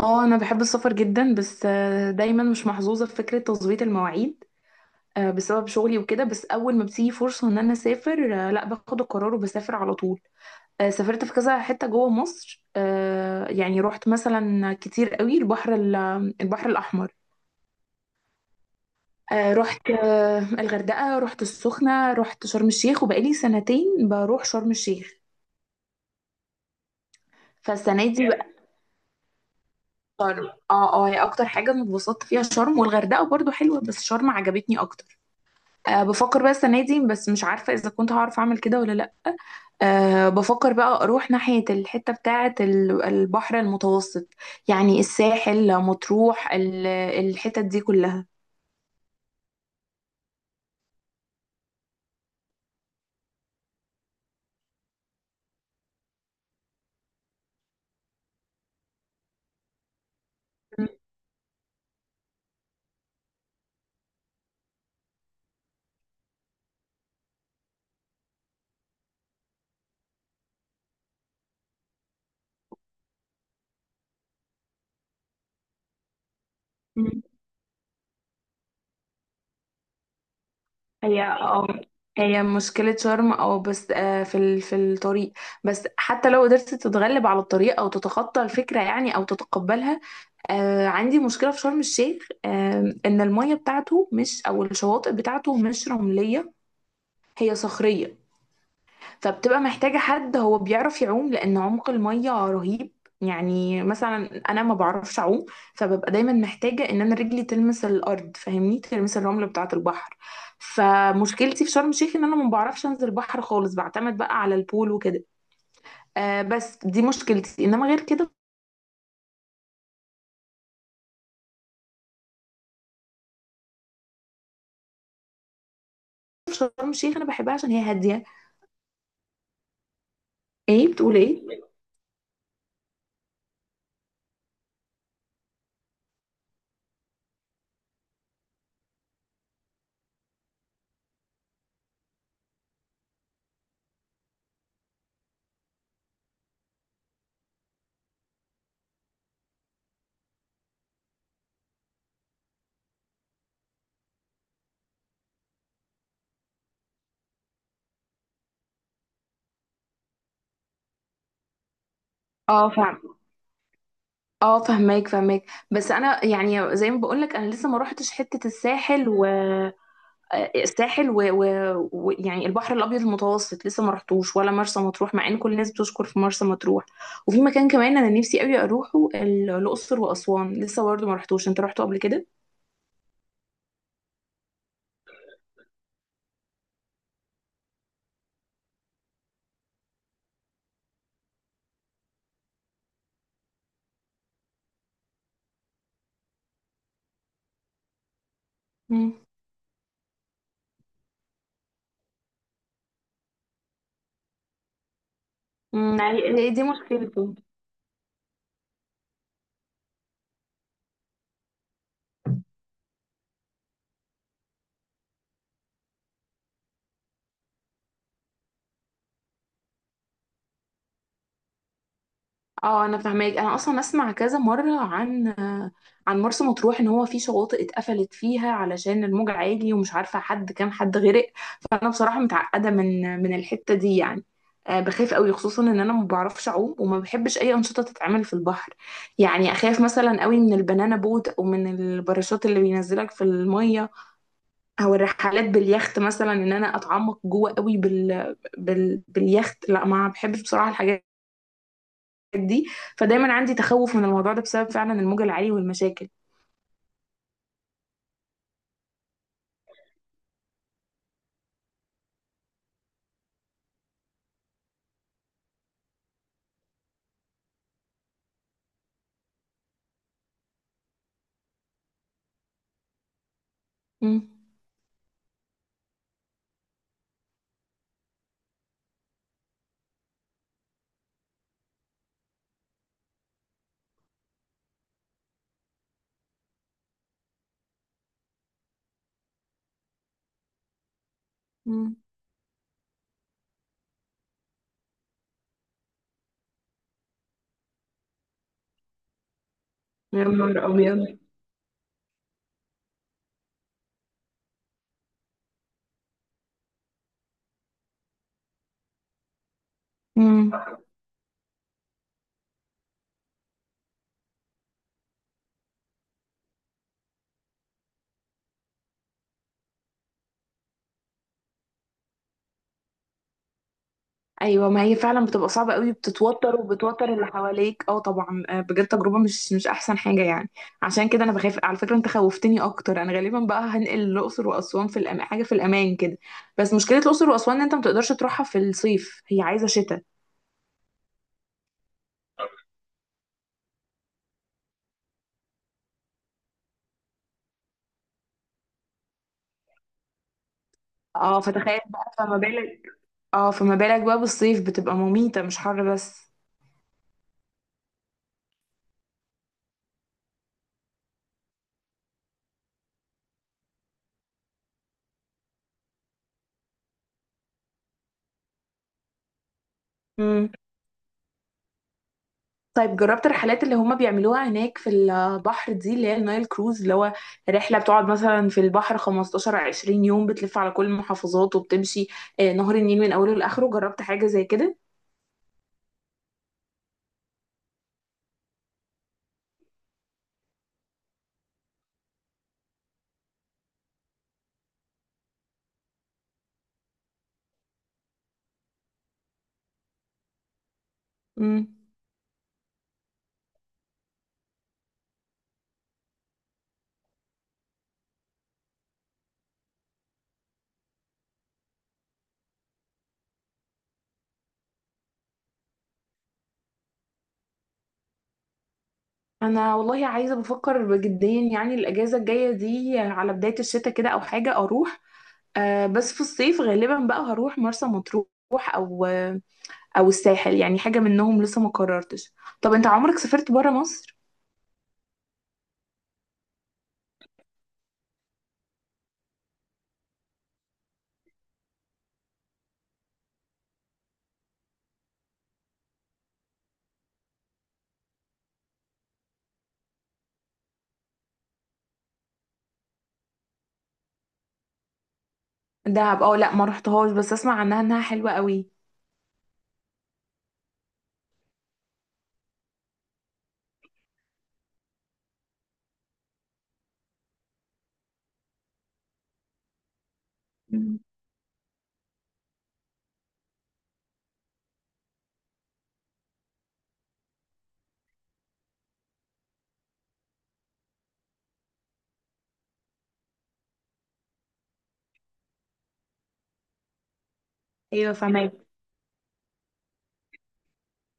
اه، انا بحب السفر جدا. بس دايما مش محظوظه في فكره تظبيط المواعيد بسبب شغلي وكده. بس اول ما بتيجي فرصه ان انا اسافر، لا، باخد القرار وبسافر على طول. سافرت في كذا حته جوه مصر. يعني رحت مثلا كتير قوي البحر البحر الاحمر. رحت الغردقه، رحت السخنه، رحت شرم الشيخ، وبقالي سنتين بروح شرم الشيخ. فالسنه دي بقى شرم. اه اه، هي اكتر حاجه انا اتبسطت فيها شرم، والغردقه برضو حلوه بس شرم عجبتني اكتر. أه، بفكر بقى السنة دي بس مش عارفة إذا كنت هعرف أعمل كده ولا لأ. أه، بفكر بقى أروح ناحية الحتة بتاعة البحر المتوسط. يعني الساحل، مطروح، الحتت دي كلها. مم. هي اه هي مشكلة شرم أو بس في في الطريق. بس حتى لو قدرت تتغلب على الطريق أو تتخطى الفكرة يعني أو تتقبلها، عندي مشكلة في شرم الشيخ إن المية بتاعته مش، أو الشواطئ بتاعته مش رملية، هي صخرية. فبتبقى محتاجة حد هو بيعرف يعوم لأن عمق المية رهيب. يعني مثلا أنا ما بعرفش أعوم، فببقى دايما محتاجة إن أنا رجلي تلمس الأرض، فاهمني، تلمس الرملة بتاعة البحر. فمشكلتي في شرم الشيخ إن أنا ما بعرفش أنزل البحر خالص، بعتمد بقى على البول وكده. بس دي مشكلتي، إنما غير كده في شرم الشيخ أنا بحبها عشان هي هادية. إيه بتقول إيه؟ اه، فاهم. اه، فهماك فهماك. بس انا يعني زي ما بقولك، انا لسه ما روحتش حتة الساحل. الساحل ويعني يعني البحر الابيض المتوسط لسه ما رحتوش، ولا مرسى مطروح، مع ان كل الناس بتشكر في مرسى مطروح. وفي مكان كمان انا نفسي قوي اروحه، الاقصر واسوان لسه برضه ما رحتوش. انت رحته قبل كده؟ مم. يعني هي دي مشكلته. اه انا فاهماك. انا اصلا اسمع كذا مره عن، عن مرسى مطروح ان هو في شواطئ اتقفلت فيها علشان الموج عالي. ومش عارفه كام حد غرق. فانا بصراحه متعقده من الحته دي يعني. بخاف قوي، خصوصا ان انا ما بعرفش اعوم وما بحبش اي انشطه تتعمل في البحر. يعني اخاف مثلا قوي من البنانا بوت، او من الباراشوت اللي بينزلك في الميه، او الرحلات باليخت مثلا، ان انا اتعمق جوه قوي باليخت. لا، ما بحبش بصراحه الحاجات دي. فدايما عندي تخوف من الموضوع ده بسبب فعلا الموج العالي والمشاكل. مم. مم. يا نهار ابيض. مم. ايوه، ما هي فعلا بتبقى صعبه قوي، بتتوتر وبتوتر اللي حواليك. اه طبعا، بجد تجربه مش احسن حاجه يعني. عشان كده انا بخاف. على فكره انت خوفتني اكتر. انا غالبا بقى هنقل الاقصر واسوان، في حاجه في الامان كده. بس مشكله الاقصر واسوان ان انت ما تقدرش تروحها في الصيف، هي عايزه شتاء. اه، فتخيل بقى، فما بالك. اه، فما بالك بقى بالصيف، بتبقى مميته مش حر بس. طيب، جربت الرحلات اللي هما بيعملوها هناك في البحر دي، اللي هي النايل كروز، اللي هو رحلة بتقعد مثلا في البحر 15 20 يوم، بتلف على كل المحافظات وبتمشي نهر النيل من أوله لآخره؟ جربت حاجة زي كده؟ مم. أنا والله عايزة، بفكر بجديا يعني الأجازة الجاية دي على بداية الشتاء كده أو حاجة أروح. بس في الصيف غالبا بقى هروح مرسى مطروح. أو آه، أو الساحل يعني، حاجة منهم لسه ما قررتش. طب أنت عمرك سافرت برا مصر؟ دهب؟ اه لا، ما رحتهاش، بس اسمع عنها انها حلوة قوي. مم. ايوه، فاهمك.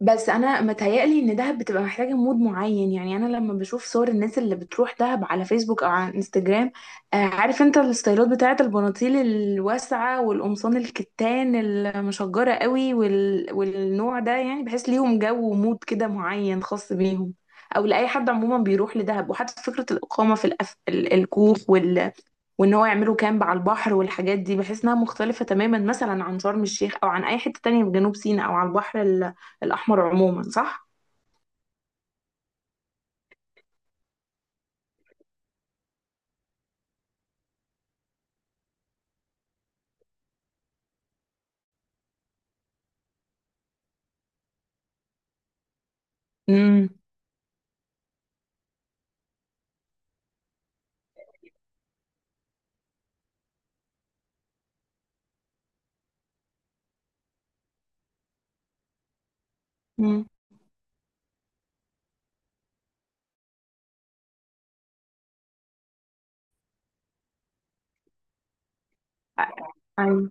بس انا متهيألي ان دهب بتبقى محتاجه مود معين. يعني انا لما بشوف صور الناس اللي بتروح دهب على فيسبوك او على انستجرام، عارف انت الستايلات بتاعه البناطيل الواسعه والقمصان الكتان المشجره قوي والنوع ده، يعني بحس ليهم جو ومود كده معين خاص بيهم، او لاي حد عموما بيروح لدهب. وحتى فكره الاقامه في الكوخ وان هو يعملوا كامب على البحر والحاجات دي، بحس انها مختلفه تماما مثلا عن شرم الشيخ، او عن اي حته تانية في جنوب سيناء او على البحر الأحمر عموما، صح؟ امم. امم. أ- أيوة.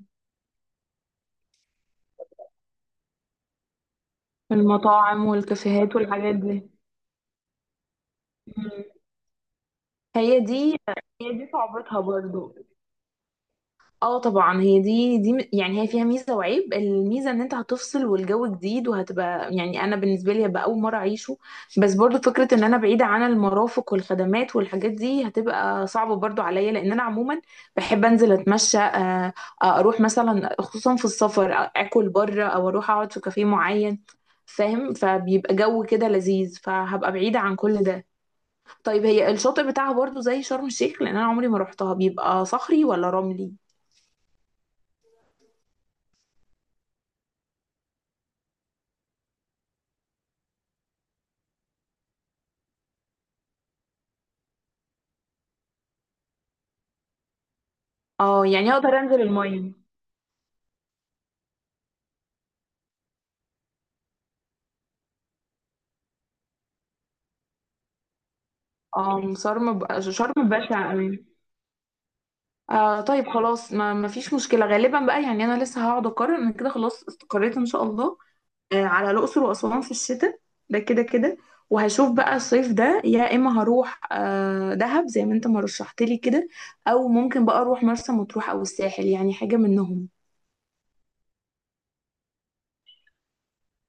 المطاعم والكافيهات والحاجات دي. مم. هي دي هي دي صعوبتها برضو. اه طبعا، هي دي يعني هي فيها ميزه وعيب. الميزه ان انت هتفصل والجو جديد، وهتبقى يعني انا بالنسبه لي هبقى اول مره اعيشه. بس برضو فكره ان انا بعيده عن المرافق والخدمات والحاجات دي هتبقى صعبه برضو عليا، لان انا عموما بحب انزل اتمشى. اروح مثلا، خصوصا في السفر اكل بره، او اروح اقعد في كافيه معين، فاهم؟ فبيبقى جو كده لذيذ، فهبقى بعيده عن كل ده. طيب، هي الشاطئ بتاعها برضو زي شرم الشيخ؟ لان انا عمري ما روحتها. بيبقى صخري ولا رملي؟ اه، يعني اقدر انزل الميه. اه، شرم بشع قوي. طيب خلاص، ما فيش مشكله غالبا بقى. يعني انا لسه هقعد اقرر. انا كده خلاص استقريت ان شاء الله على الاقصر واسوان في الشتاء، ده كده كده. وهشوف بقى الصيف ده، يا اما هروح دهب زي ما انت ما رشحت لي كده، او ممكن بقى اروح مرسى مطروح او الساحل، يعني حاجه منهم.